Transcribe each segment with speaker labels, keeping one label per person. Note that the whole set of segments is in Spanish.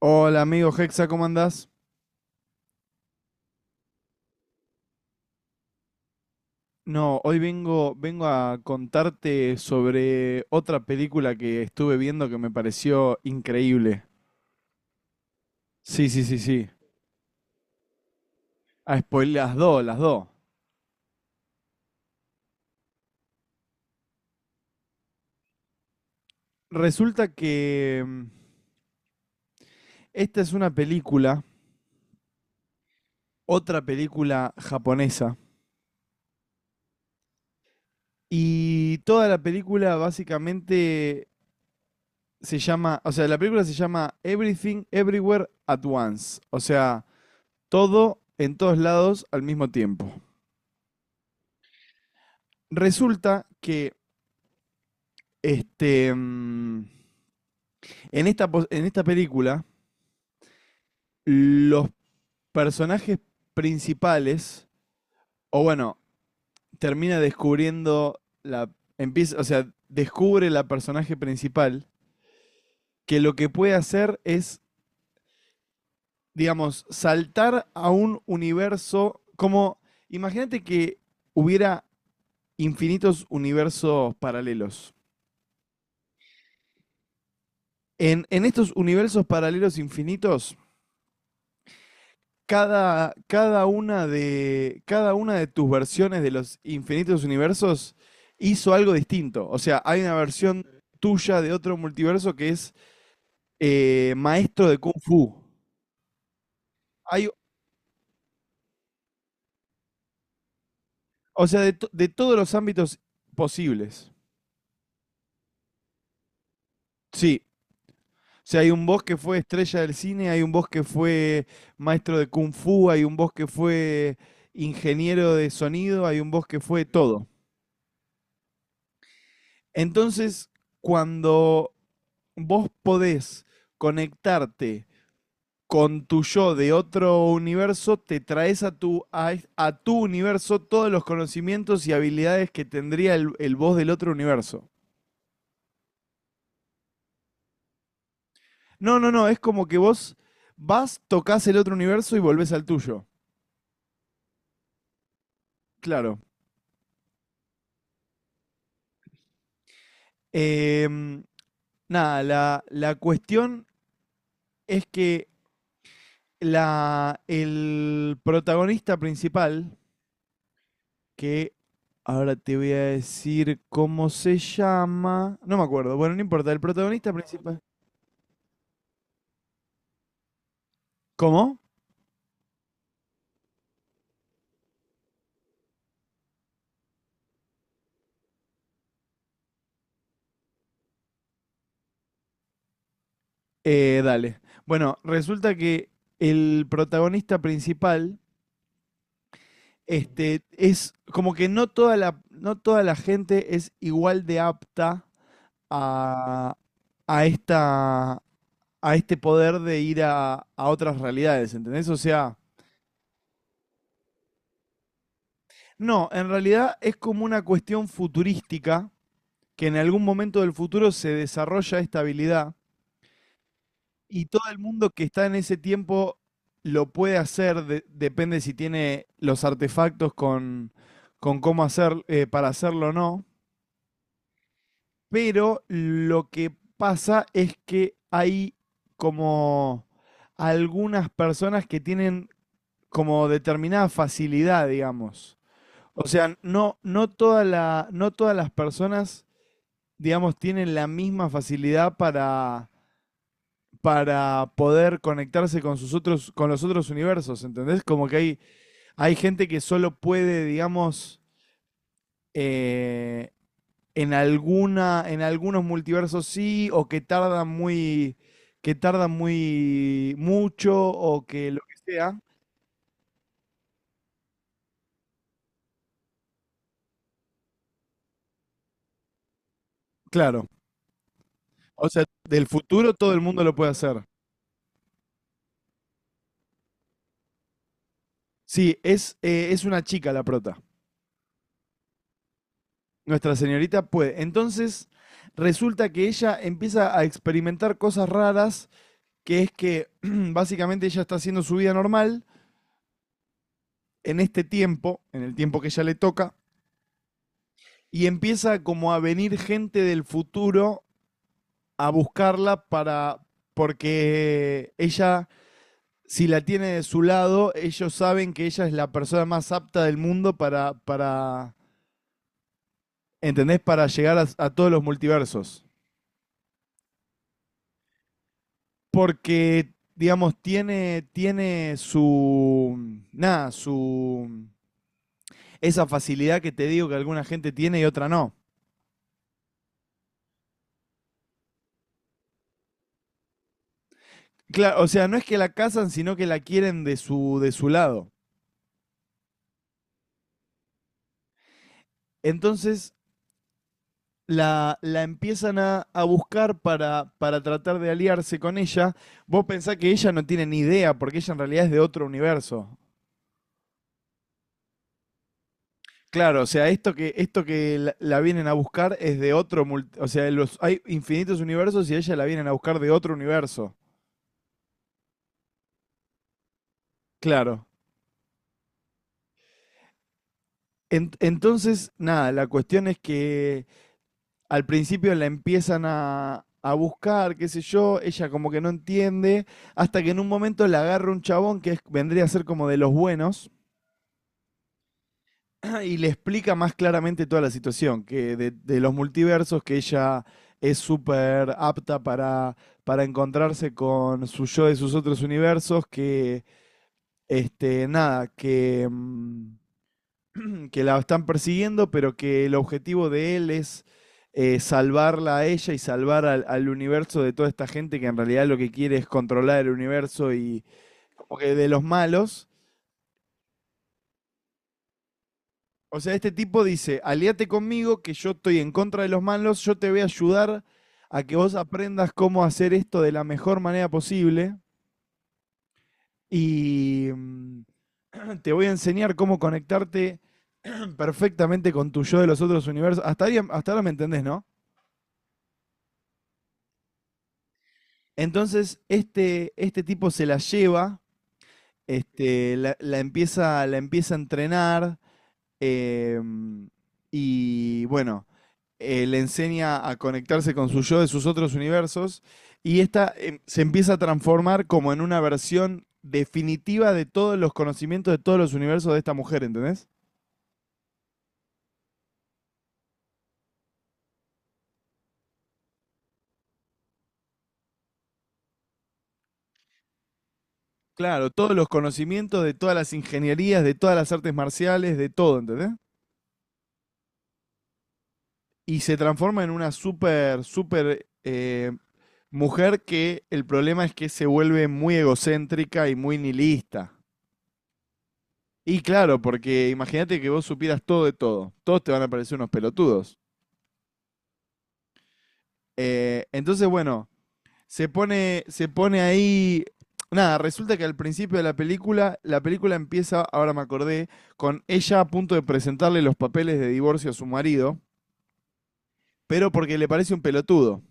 Speaker 1: Hola amigo Hexa, ¿cómo andás? No, hoy vengo a contarte sobre otra película que estuve viendo que me pareció increíble. Sí, sí, sí, sí. Ah, spoiler, las dos, las dos. Resulta que esta es una película, otra película japonesa, y toda la película básicamente se llama, o sea, la película se llama Everything Everywhere at Once, o sea, todo en todos lados al mismo tiempo. Resulta que este, en esta película los personajes principales, o bueno, termina descubriendo la... Empieza, o sea, descubre la personaje principal que lo que puede hacer es, digamos, saltar a un universo como... Imagínate que hubiera infinitos universos paralelos. En estos universos paralelos infinitos, cada una de tus versiones de los infinitos universos hizo algo distinto. O sea, hay una versión tuya de otro multiverso que es maestro de Kung Fu. Hay, o sea, de, de todos los ámbitos posibles. Sí. O sea, hay un boss que fue estrella del cine, hay un boss que fue maestro de Kung Fu, hay un boss que fue ingeniero de sonido, hay un boss que fue todo. Entonces, cuando vos podés conectarte con tu yo de otro universo, te traes a tu universo todos los conocimientos y habilidades que tendría el vos del otro universo. No, no, no, es como que vos vas, tocas el otro universo y volvés al tuyo. Claro. Em, nada, la cuestión es que la, el protagonista principal, que ahora te voy a decir cómo se llama. No me acuerdo. Bueno, no importa. El protagonista principal. ¿Cómo? Dale. Bueno, resulta que el protagonista principal, este, es como que no toda la gente es igual de apta a, a esta, a este poder de ir a otras realidades, ¿entendés? O sea, no, en realidad es como una cuestión futurística que en algún momento del futuro se desarrolla esta habilidad y todo el mundo que está en ese tiempo lo puede hacer, de- depende si tiene los artefactos con cómo hacer, para hacerlo o no, pero lo que pasa es que hay como algunas personas que tienen como determinada facilidad, digamos. O sea, no, no todas las personas, digamos, tienen la misma facilidad para poder conectarse con sus otros, con los otros universos, ¿entendés? Como que hay gente que solo puede, digamos, eh, en alguna, en algunos multiversos sí, o que tardan muy mucho, o que lo que sea. Claro. O sea, del futuro todo el mundo lo puede hacer. Sí, es una chica la prota. Nuestra señorita puede. Entonces, resulta que ella empieza a experimentar cosas raras que es que básicamente ella está haciendo su vida normal en este tiempo, en el tiempo que ella le toca, y empieza como a venir gente del futuro a buscarla para, porque ella, si la tiene de su lado, ellos saben que ella es la persona más apta del mundo para ¿entendés? Para llegar a todos los multiversos. Porque, digamos, tiene, tiene su, nada, su esa facilidad que te digo que alguna gente tiene y otra no. Claro, o sea, no es que la casan, sino que la quieren de su lado. Entonces la empiezan a buscar para tratar de aliarse con ella. Vos pensás que ella no tiene ni idea, porque ella en realidad es de otro universo. Claro, o sea, esto que la vienen a buscar es de otro, mul- o sea, los, hay infinitos universos y a ella la vienen a buscar de otro universo. Claro. En- entonces, nada, la cuestión es que al principio la empiezan a buscar, qué sé yo, ella como que no entiende, hasta que en un momento la agarra un chabón que es- vendría a ser como de los buenos y le explica más claramente toda la situación, que de los multiversos, que ella es súper apta para encontrarse con su yo de sus otros universos, que, este, nada, que... que la están persiguiendo, pero que el objetivo de él es salvarla a ella y salvar al, al universo de toda esta gente que en realidad lo que quiere es controlar el universo y como que de los malos. O sea, este tipo dice, aliate conmigo que yo estoy en contra de los malos, yo te voy a ayudar a que vos aprendas cómo hacer esto de la mejor manera posible y te voy a enseñar cómo conectarte perfectamente con tu yo de los otros universos. Hasta, ahí- hasta ahora me entendés, ¿no? Entonces, este tipo se la lleva, este, la, la empieza a entrenar em, y bueno, le enseña a conectarse con su yo de sus otros universos y esta se empieza a transformar como en una versión definitiva de todos los conocimientos de todos los universos de esta mujer, ¿entendés? Claro, todos los conocimientos de todas las ingenierías, de todas las artes marciales, de todo, ¿entendés? Y se transforma en una súper, súper mujer que el problema es que se vuelve muy egocéntrica y muy nihilista. Y claro, porque imagínate que vos supieras todo de todo. Todos te van a parecer unos pelotudos. Entonces, bueno, se pone ahí. Nada, resulta que al principio de la película empieza, ahora me acordé, con ella a punto de presentarle los papeles de divorcio a su marido, pero porque le parece un pelotudo.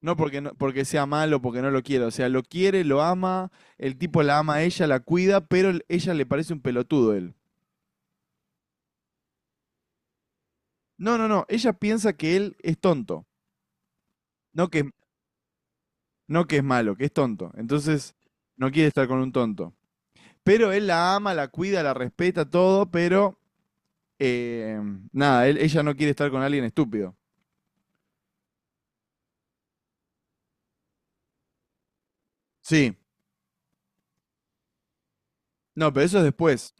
Speaker 1: No porque sea malo, porque no lo quiera. O sea, lo quiere, lo ama, el tipo la ama a ella, la cuida, pero el- ella le parece un pelotudo él. No, no, no. Ella piensa que él es tonto. No que, no que es malo, que es tonto. Entonces, no quiere estar con un tonto. Pero él la ama, la cuida, la respeta, todo, pero eh, nada, él- ella no quiere estar con alguien estúpido. Sí. No, pero eso es después.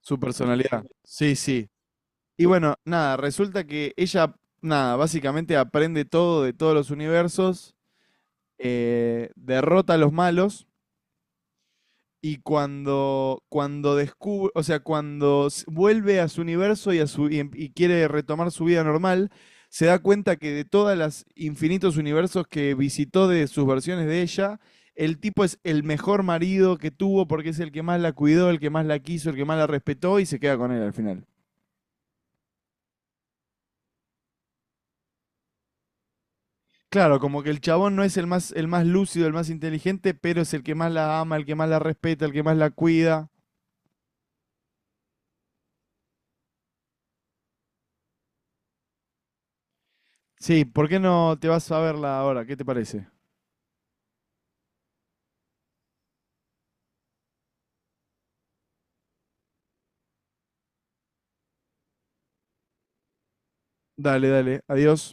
Speaker 1: Su personalidad. Sí, sí. Y bueno, nada, resulta que ella, nada, básicamente aprende todo de todos los universos, derrota a los malos y cuando, cuando descubre, o sea, cuando s- vuelve a su universo y, a su, y em- y quiere retomar su vida normal, se da cuenta que de todos los infinitos universos que visitó de sus versiones de ella, el tipo es el mejor marido que tuvo porque es el que más la cuidó, el que más la quiso, el que más la respetó y se queda con él al final. Claro, como que el chabón no es el más lúcido, el más inteligente, pero es el que más la ama, el que más la respeta, el que más la cuida. Sí, ¿por qué no te vas a verla ahora? ¿Qué te parece? Dale, dale, adiós.